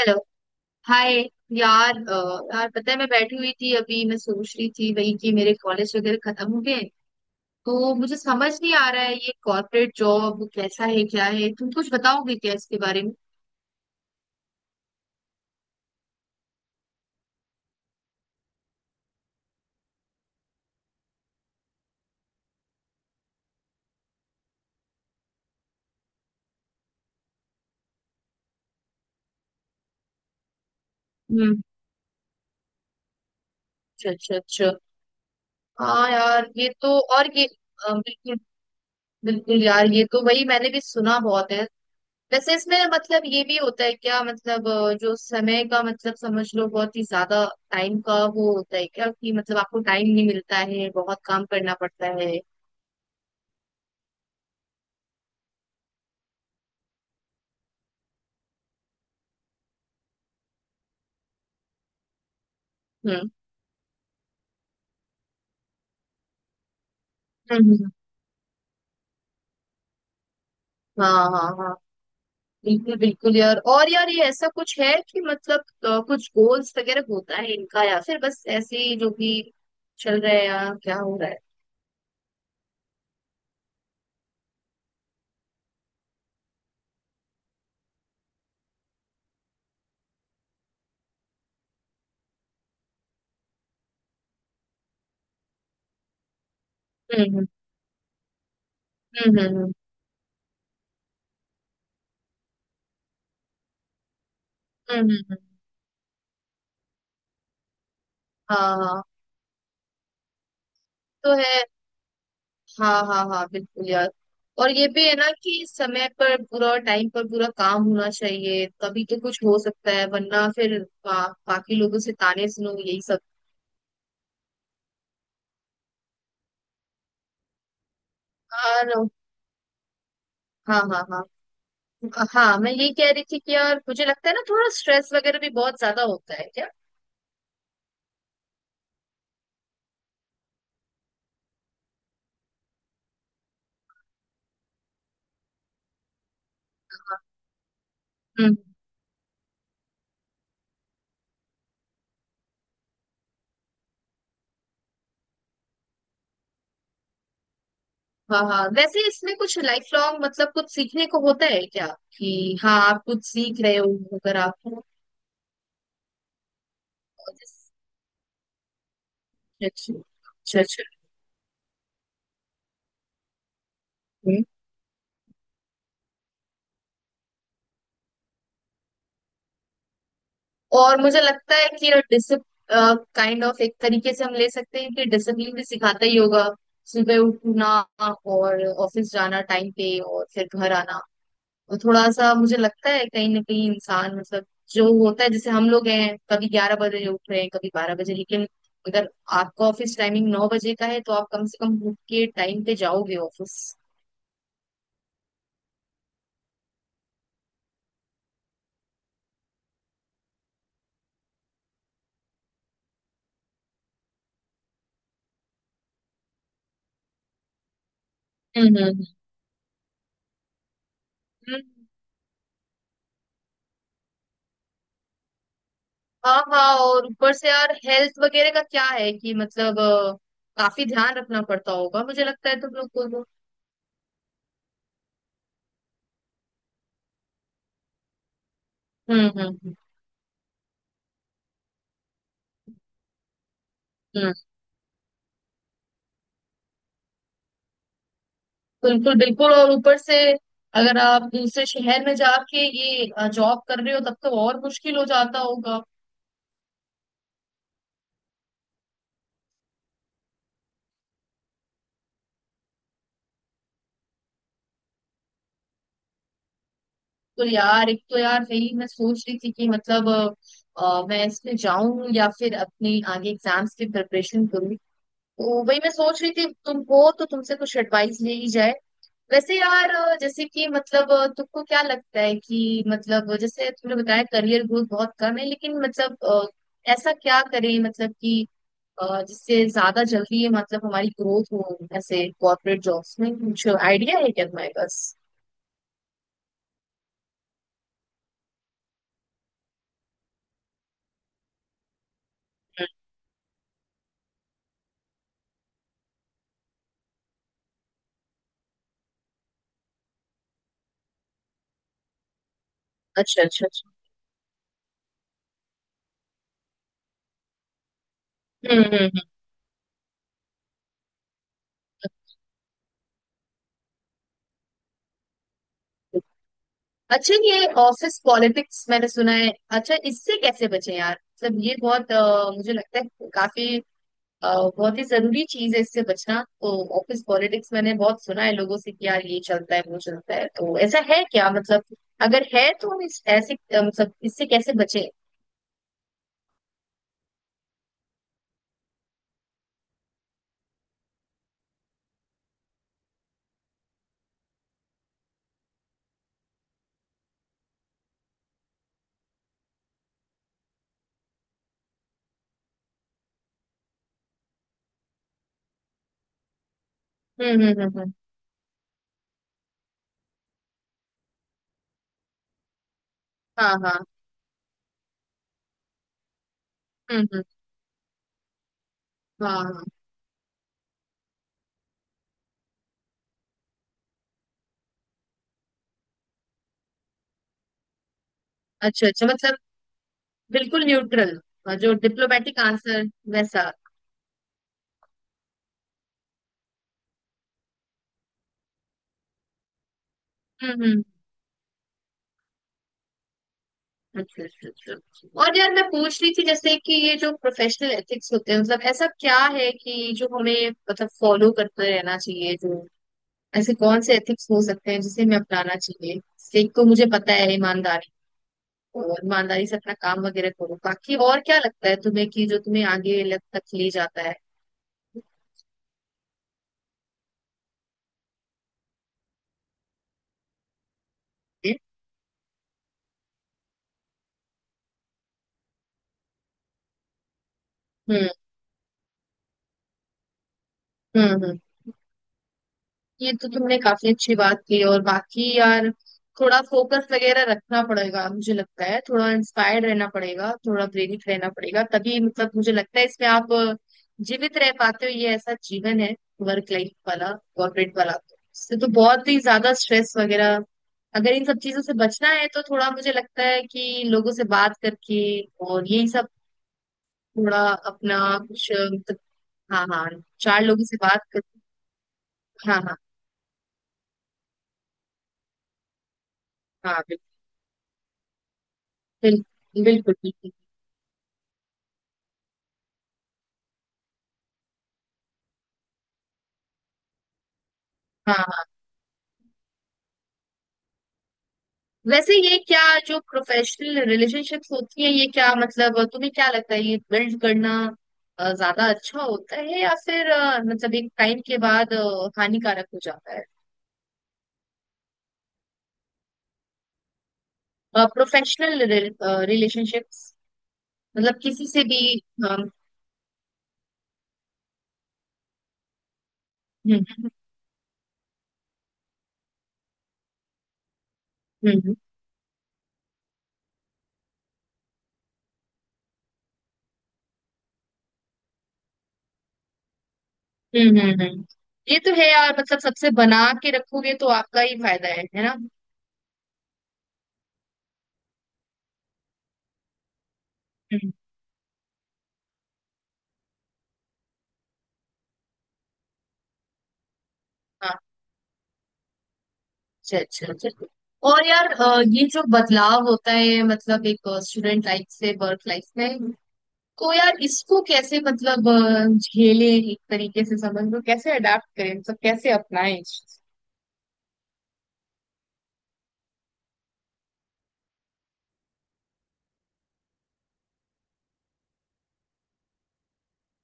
Hello. Hi. यार यार पता है, मैं बैठी हुई थी अभी, मैं सोच रही थी वही कि मेरे कॉलेज वगैरह खत्म हो गए। तो मुझे समझ नहीं आ रहा है ये कॉर्पोरेट जॉब कैसा है, क्या है? तुम कुछ बताओगे क्या इसके बारे में? हम्म। अच्छा अच्छा अच्छा। हाँ यार, ये तो, और ये बिल्कुल। बिल्कुल यार, ये तो वही मैंने भी सुना बहुत है। वैसे इसमें मतलब ये भी होता है क्या, मतलब जो समय का मतलब समझ लो बहुत ही ज्यादा टाइम का वो होता है क्या कि मतलब आपको टाइम नहीं मिलता है, बहुत काम करना पड़ता है? हम्म। हम्म, हम्म, हम्म। हाँ हाँ हाँ, बिल्कुल बिल्कुल यार। और यार ये ऐसा कुछ है कि मतलब कुछ गोल्स वगैरह होता है इनका, या फिर बस ऐसे ही जो भी चल रहा है, या क्या हो रहा है? हम्म हम्म। हम्म, हम्म, हम्म, हम्म। हाँ हाँ हाँ। तो है। हाँ हाँ हाँ बिल्कुल यार। और ये भी है ना कि समय पर पूरा, टाइम पर पूरा काम होना चाहिए तभी तो कुछ हो सकता है, वरना फिर बाकी लोगों से ताने सुनो यही सब। हाँ हाँ हाँ। हाँ हाँ, मैं ये कह रही थी कि यार मुझे लगता है ना, थोड़ा स्ट्रेस वगैरह भी बहुत ज्यादा होता है क्या? हम्म। हाँ हाँ, वैसे इसमें कुछ लाइफ लॉन्ग, मतलब कुछ सीखने को होता है क्या कि हाँ आप कुछ सीख रहे हो, अगर आप? अच्छा अच्छा अच्छा। हम्म। और मुझे लगता है कि डिसिप काइंड ऑफ एक तरीके से हम ले सकते हैं कि डिसिप्लिन भी सिखाता ही होगा। सुबह उठना, और ऑफिस जाना टाइम पे, और फिर घर आना। और थोड़ा सा मुझे लगता है कहीं ना कहीं इंसान मतलब, जो होता है जैसे हम लोग हैं कभी 11 बजे उठ रहे हैं कभी 12 बजे, लेकिन अगर आपका ऑफिस टाइमिंग 9 बजे का है तो आप कम से कम उठ के टाइम पे जाओगे ऑफिस। हम्म हम्म, हम्म। हाँ हाँ, और ऊपर से यार हेल्थ वगैरह का क्या है कि मतलब काफी ध्यान रखना पड़ता होगा, मुझे लगता है तुम लोग को तो। हम्म, हम्म, हम्म, हम्म। बिल्कुल बिल्कुल। और ऊपर से अगर आप दूसरे शहर में जाके ये जॉब कर रहे हो तब तो और मुश्किल हो जाता होगा। तो यार एक तो यार वही मैं सोच रही थी कि मतलब मैं इसमें जाऊं या फिर अपनी आगे एग्जाम्स की प्रिपरेशन करूं। तो वही मैं सोच रही थी, तुम हो तो तुमसे कुछ एडवाइस ले ही जाए। वैसे यार जैसे कि मतलब तुमको क्या लगता है कि मतलब जैसे तुमने बताया करियर ग्रोथ बहुत कम है, लेकिन मतलब ऐसा क्या करें मतलब कि जिससे ज्यादा जल्दी मतलब हमारी ग्रोथ हो ऐसे कॉर्पोरेट जॉब्स में? कुछ आइडिया है क्या तुम्हारे पास? हम्म। अच्छा अच्छा अच्छा। हम्म हम्म हम्म। अच्छा, ये ऑफिस पॉलिटिक्स मैंने सुना है। अच्छा, इससे कैसे बचे यार, मतलब ये बहुत मुझे लगता है काफी अ, बहुत ही जरूरी चीज है इससे बचना तो। ऑफिस पॉलिटिक्स मैंने बहुत सुना है लोगों से, कि यार ये चलता है वो चलता है। तो ऐसा है क्या मतलब, अगर है तो हम इस ऐसे मतलब इससे कैसे बचे? हम्म हम्म हम्म हम्म, हाँ हाँ। हम्म। हाँ हाँ। अच्छा अच्छा, मतलब बिल्कुल न्यूट्रल, जो डिप्लोमेटिक आंसर वैसा। हम्म। अच्छा अच्छा अच्छा। और यार मैं पूछ रही थी जैसे कि ये जो प्रोफेशनल एथिक्स होते हैं, मतलब ऐसा क्या है कि जो हमें मतलब फॉलो करते रहना चाहिए, जो ऐसे कौन से एथिक्स हो सकते हैं जिसे हमें अपनाना चाहिए? जैसे एक तो मुझे पता है ईमानदारी, और ईमानदारी से अपना काम वगैरह करो, बाकी और क्या लगता है तुम्हें कि जो तुम्हें आगे लग तक ले जाता है? हम्म हम्म हम्म। ये तो तुमने काफी अच्छी बात की। और बाकी यार, थोड़ा फोकस वगैरह रखना पड़ेगा मुझे लगता है, थोड़ा इंस्पायर्ड रहना पड़ेगा, थोड़ा प्रेरित रहना पड़ेगा, तभी मतलब मुझे लगता है इसमें आप जीवित रह पाते हो। ये ऐसा जीवन है वर्क लाइफ वाला, कॉर्पोरेट वाला। इससे तो बहुत ही ज्यादा स्ट्रेस वगैरह, अगर इन सब चीजों से बचना है तो थोड़ा मुझे लगता है कि लोगों से बात करके और यही सब थोड़ा अपना कुछ मतलब। हाँ हाँ, चार लोगों से बात करके। हाँ हाँ हाँ। बिल्कुल बिल्कुल बिल्कुल। हाँ हाँ। वैसे ये क्या, जो प्रोफेशनल रिलेशनशिप्स होती है ये क्या, मतलब तुम्हें क्या लगता है ये बिल्ड करना ज्यादा अच्छा होता है, या फिर मतलब एक टाइम के बाद हानिकारक हो जाता है? प्रोफेशनल रिलेशनशिप्स, मतलब किसी से भी। अ, हम्म हम्म हम्म हम्म। हम्म। ये तो है यार, मतलब सबसे बना के रखोगे तो आपका ही फायदा है ना? हम्म। हाँ। अच्छा अच्छा अच्छा। और यार ये जो बदलाव होता है मतलब एक स्टूडेंट लाइफ से वर्क लाइफ में, तो यार इसको कैसे मतलब झेले, एक तरीके से समझ लो कैसे अडाप्ट करें, मतलब कैसे अपनाएं इस चीज़ को?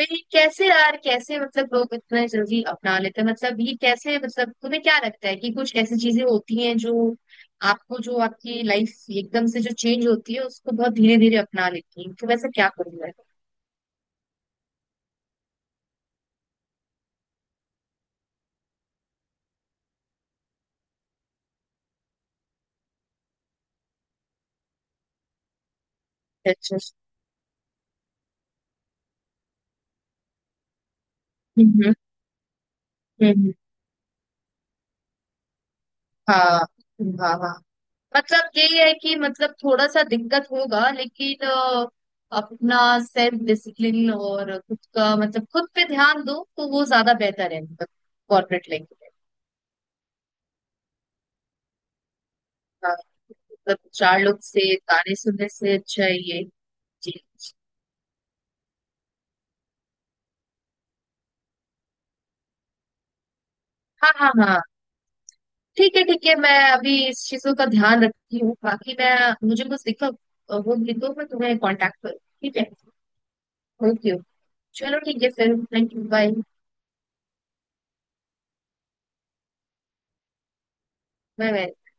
भाई कैसे यार कैसे, मतलब लोग इतना जल्दी अपना लेते हैं मतलब ये कैसे, मतलब तुम्हें क्या लगता है कि कुछ ऐसी चीजें होती हैं जो आपको, जो आपकी लाइफ एकदम से जो चेंज होती है उसको बहुत धीरे धीरे अपना लेती है? तो वैसे क्या करूंगा? अच्छा अच्छा। हम्म हम्म हम्म, हाँ हाँ हाँ। मतलब ये है कि मतलब थोड़ा सा दिक्कत होगा, लेकिन अपना सेल्फ डिसिप्लिन और खुद का मतलब खुद पे ध्यान दो तो वो ज्यादा बेहतर है, मतलब कॉर्पोरेट लाइफ में। हाँ। मतलब चार लोग से गाने सुनने से अच्छा है ये। जी। हाँ हाँ हाँ। ठीक है ठीक है, मैं अभी इस चीजों का ध्यान रखती हूँ, बाकी मैं मुझे कुछ दिक्कत होगी तो मैं तुम्हें कांटेक्ट करूँ, ठीक है? ओके। चलो ठीक है, फिर thank you. Bye bye bye.